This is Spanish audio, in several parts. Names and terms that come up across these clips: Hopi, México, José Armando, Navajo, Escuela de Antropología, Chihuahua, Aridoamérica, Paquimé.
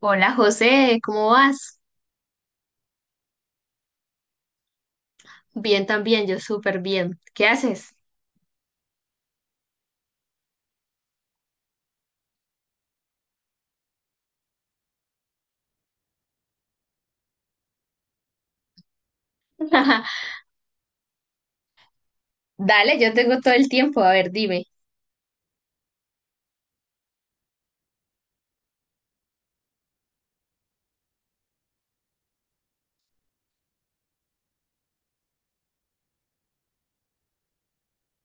Hola José, ¿cómo vas? Bien también, yo súper bien. ¿Qué haces? Dale, yo tengo todo el tiempo. A ver, dime.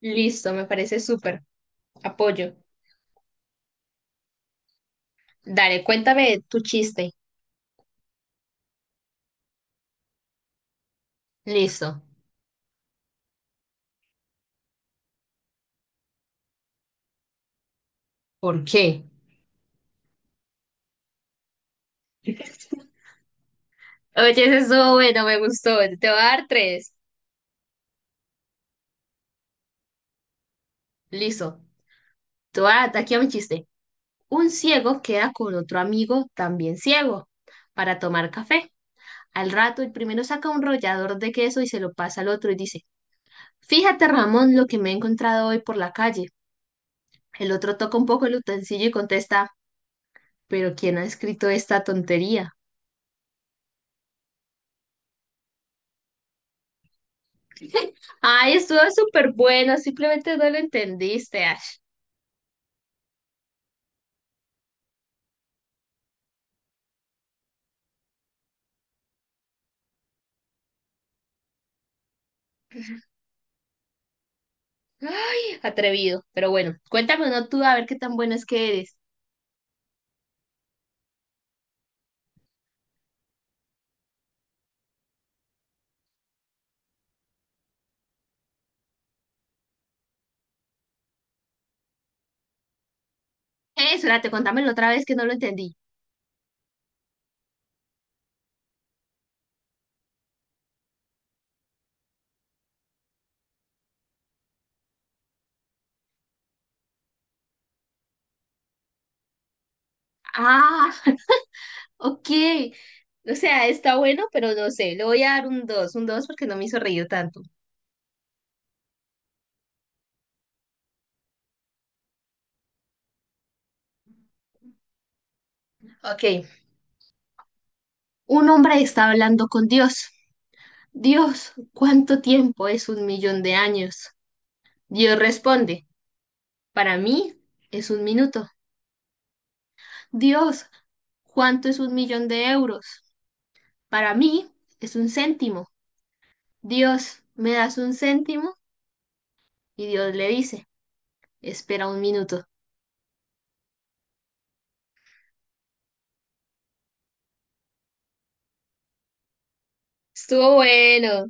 Listo, me parece súper. Apoyo. Dale, cuéntame tu chiste. Listo. ¿Por qué? Oye, ese estuvo bueno, me gustó. Te voy a dar tres. Listo. Te voy a dar aquí a mi chiste. Un ciego queda con otro amigo también ciego para tomar café. Al rato, el primero saca un rollador de queso y se lo pasa al otro y dice, fíjate, Ramón, lo que me he encontrado hoy por la calle. El otro toca un poco el utensilio y contesta, ¿pero quién ha escrito esta tontería? Ay, estuvo súper bueno, simplemente no lo entendiste, Ash. Ay, atrevido. Pero bueno, cuéntame uno tú a ver qué tan bueno es que eres. Espérate, contámelo otra vez que no lo entendí. Ah, ok. O sea, está bueno, pero no sé. Le voy a dar un 2 porque no me hizo reír tanto. Ok. Un hombre está hablando con Dios. Dios, ¿cuánto tiempo es 1 millón de años? Dios responde, para mí es un minuto. Dios, ¿cuánto es 1 millón de euros? Para mí es un céntimo. Dios, ¿me das un céntimo? Y Dios le dice, espera un minuto. Estuvo bueno.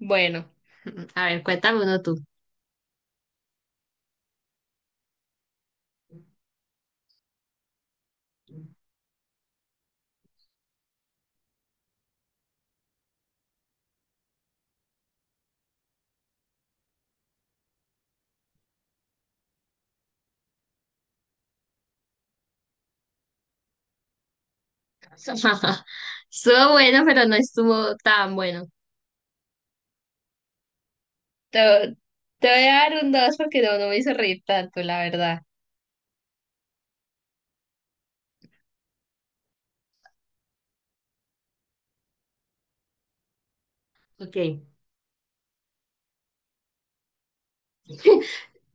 Bueno, a ver, cuéntame uno tú. Estuvo bueno, pero no estuvo tan bueno. Te, te voy a dar un dos porque no, no me hizo reír tanto, la verdad. Ok.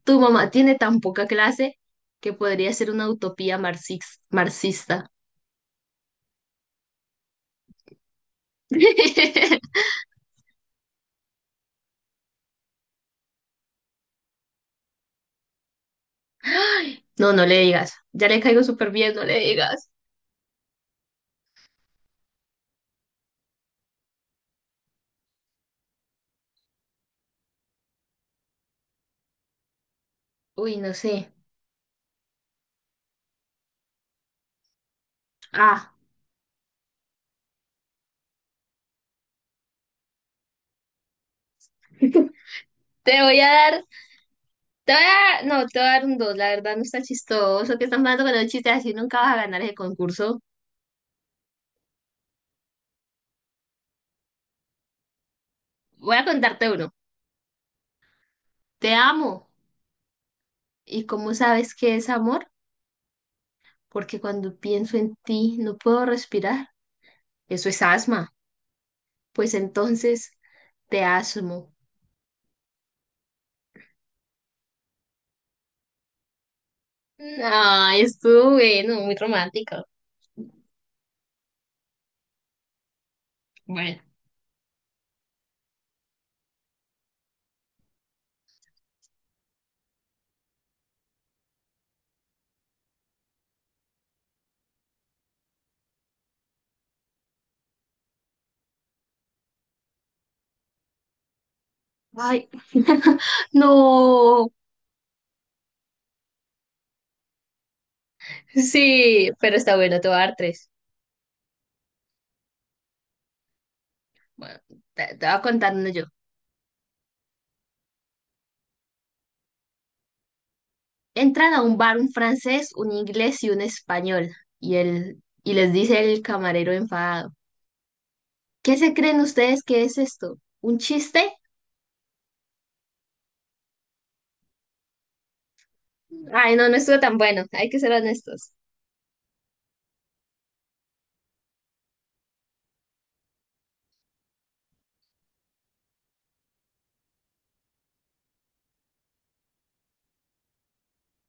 Tu mamá tiene tan poca clase que podría ser una utopía marxista. No, no le digas. Ya le caigo súper bien, no le digas. Uy, no sé. Ah, te voy a dar, te voy a dar, no, te voy a dar un dos. La verdad no está chistoso que están jugando con los chistes así, nunca vas a ganar ese concurso. Voy a contarte uno. Te amo. ¿Y cómo sabes qué es amor? Porque cuando pienso en ti no puedo respirar. Eso es asma. Pues entonces te asmo. Ay, estuvo bueno, muy romántico. Bueno. Ay, no. Sí, pero está bueno, te voy a dar tres. Bueno, te voy a contar uno yo. Entran a un bar un francés, un inglés y un español. Y les dice el camarero enfadado. ¿Qué se creen ustedes que es esto? ¿Un chiste? Ay, no, no estuvo tan bueno. Hay que ser honestos.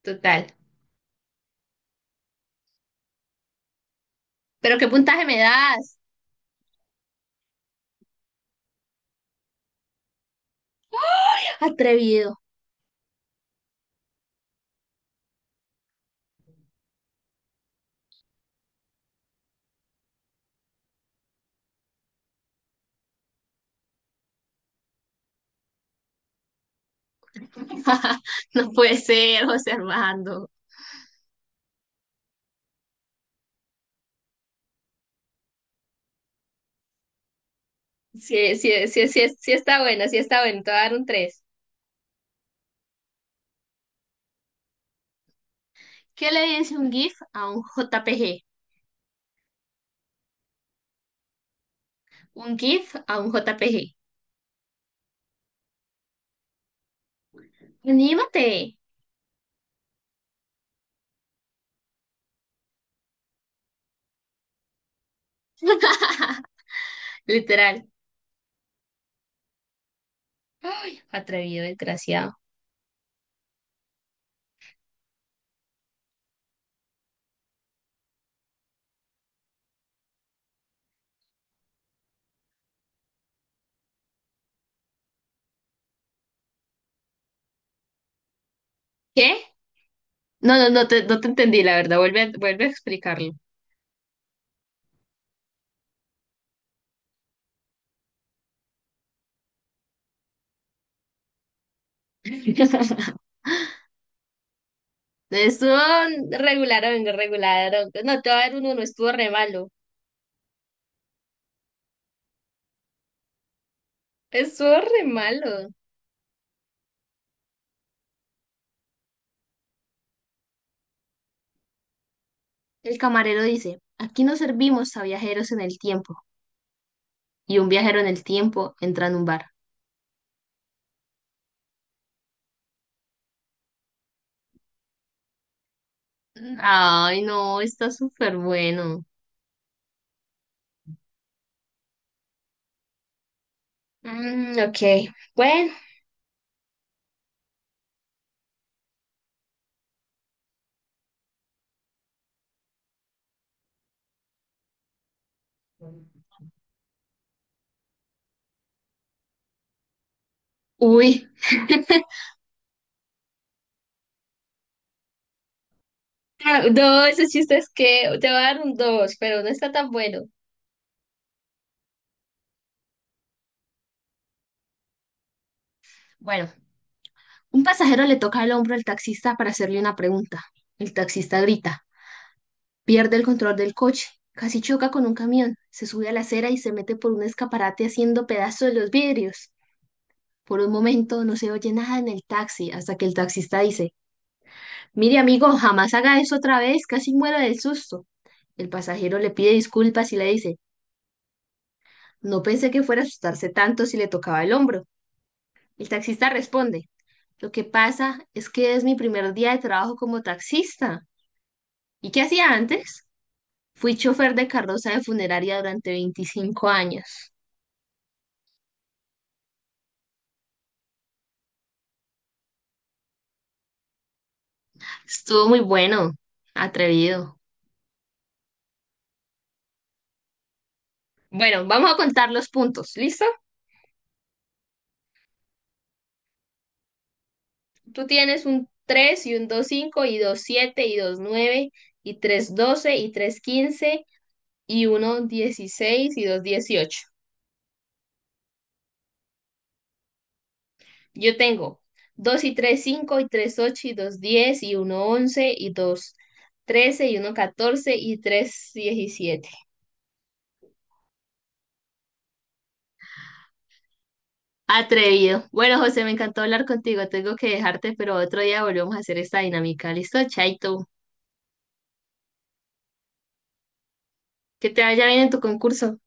Total. ¿Pero qué puntaje me das? Atrevido. No puede ser, José Armando. Sí, sí, sí, sí, sí está bueno, te voy a dar un 3. ¿Qué le dice un GIF a un JPG? Un GIF a un JPG. ¡Anímate! Literal. Ay, atrevido, desgraciado. ¿Qué? No, no no te entendí, la verdad. Vuelve a explicarlo. Estuvo regularón, regularón. No, te voy a dar un uno, estuvo re malo. Estuvo re malo. El camarero dice, aquí no servimos a viajeros en el tiempo. Y un viajero en el tiempo entra en un bar. Ay, no, está súper bueno. Mm, ok, bueno. Uy. No, ese chiste es que te va a dar un dos, pero no está tan bueno. Bueno, un pasajero le toca el hombro al taxista para hacerle una pregunta. El taxista grita, pierde el control del coche, casi choca con un camión, se sube a la acera y se mete por un escaparate haciendo pedazos de los vidrios. Por un momento no se oye nada en el taxi hasta que el taxista dice, mire amigo, jamás haga eso otra vez, casi muero del susto. El pasajero le pide disculpas y le dice, no pensé que fuera a asustarse tanto si le tocaba el hombro. El taxista responde, lo que pasa es que es mi primer día de trabajo como taxista. ¿Y qué hacía antes? Fui chofer de carroza de funeraria durante 25 años. Estuvo muy bueno, atrevido. Bueno, vamos a contar los puntos, ¿listo? Tú tienes un 3 y un dos cinco y dos siete y dos nueve y tres 12 y tres 15 y uno 16 y dos 18. Yo tengo 2 y 3, 5 y 3 8 y 2 10 y uno 11 y 2 13 y uno 14 y 3 17. Atrevido. Bueno, José, me encantó hablar contigo. Tengo que dejarte, pero otro día volvemos a hacer esta dinámica. ¿Listo? Chaito. Que te vaya bien en tu concurso.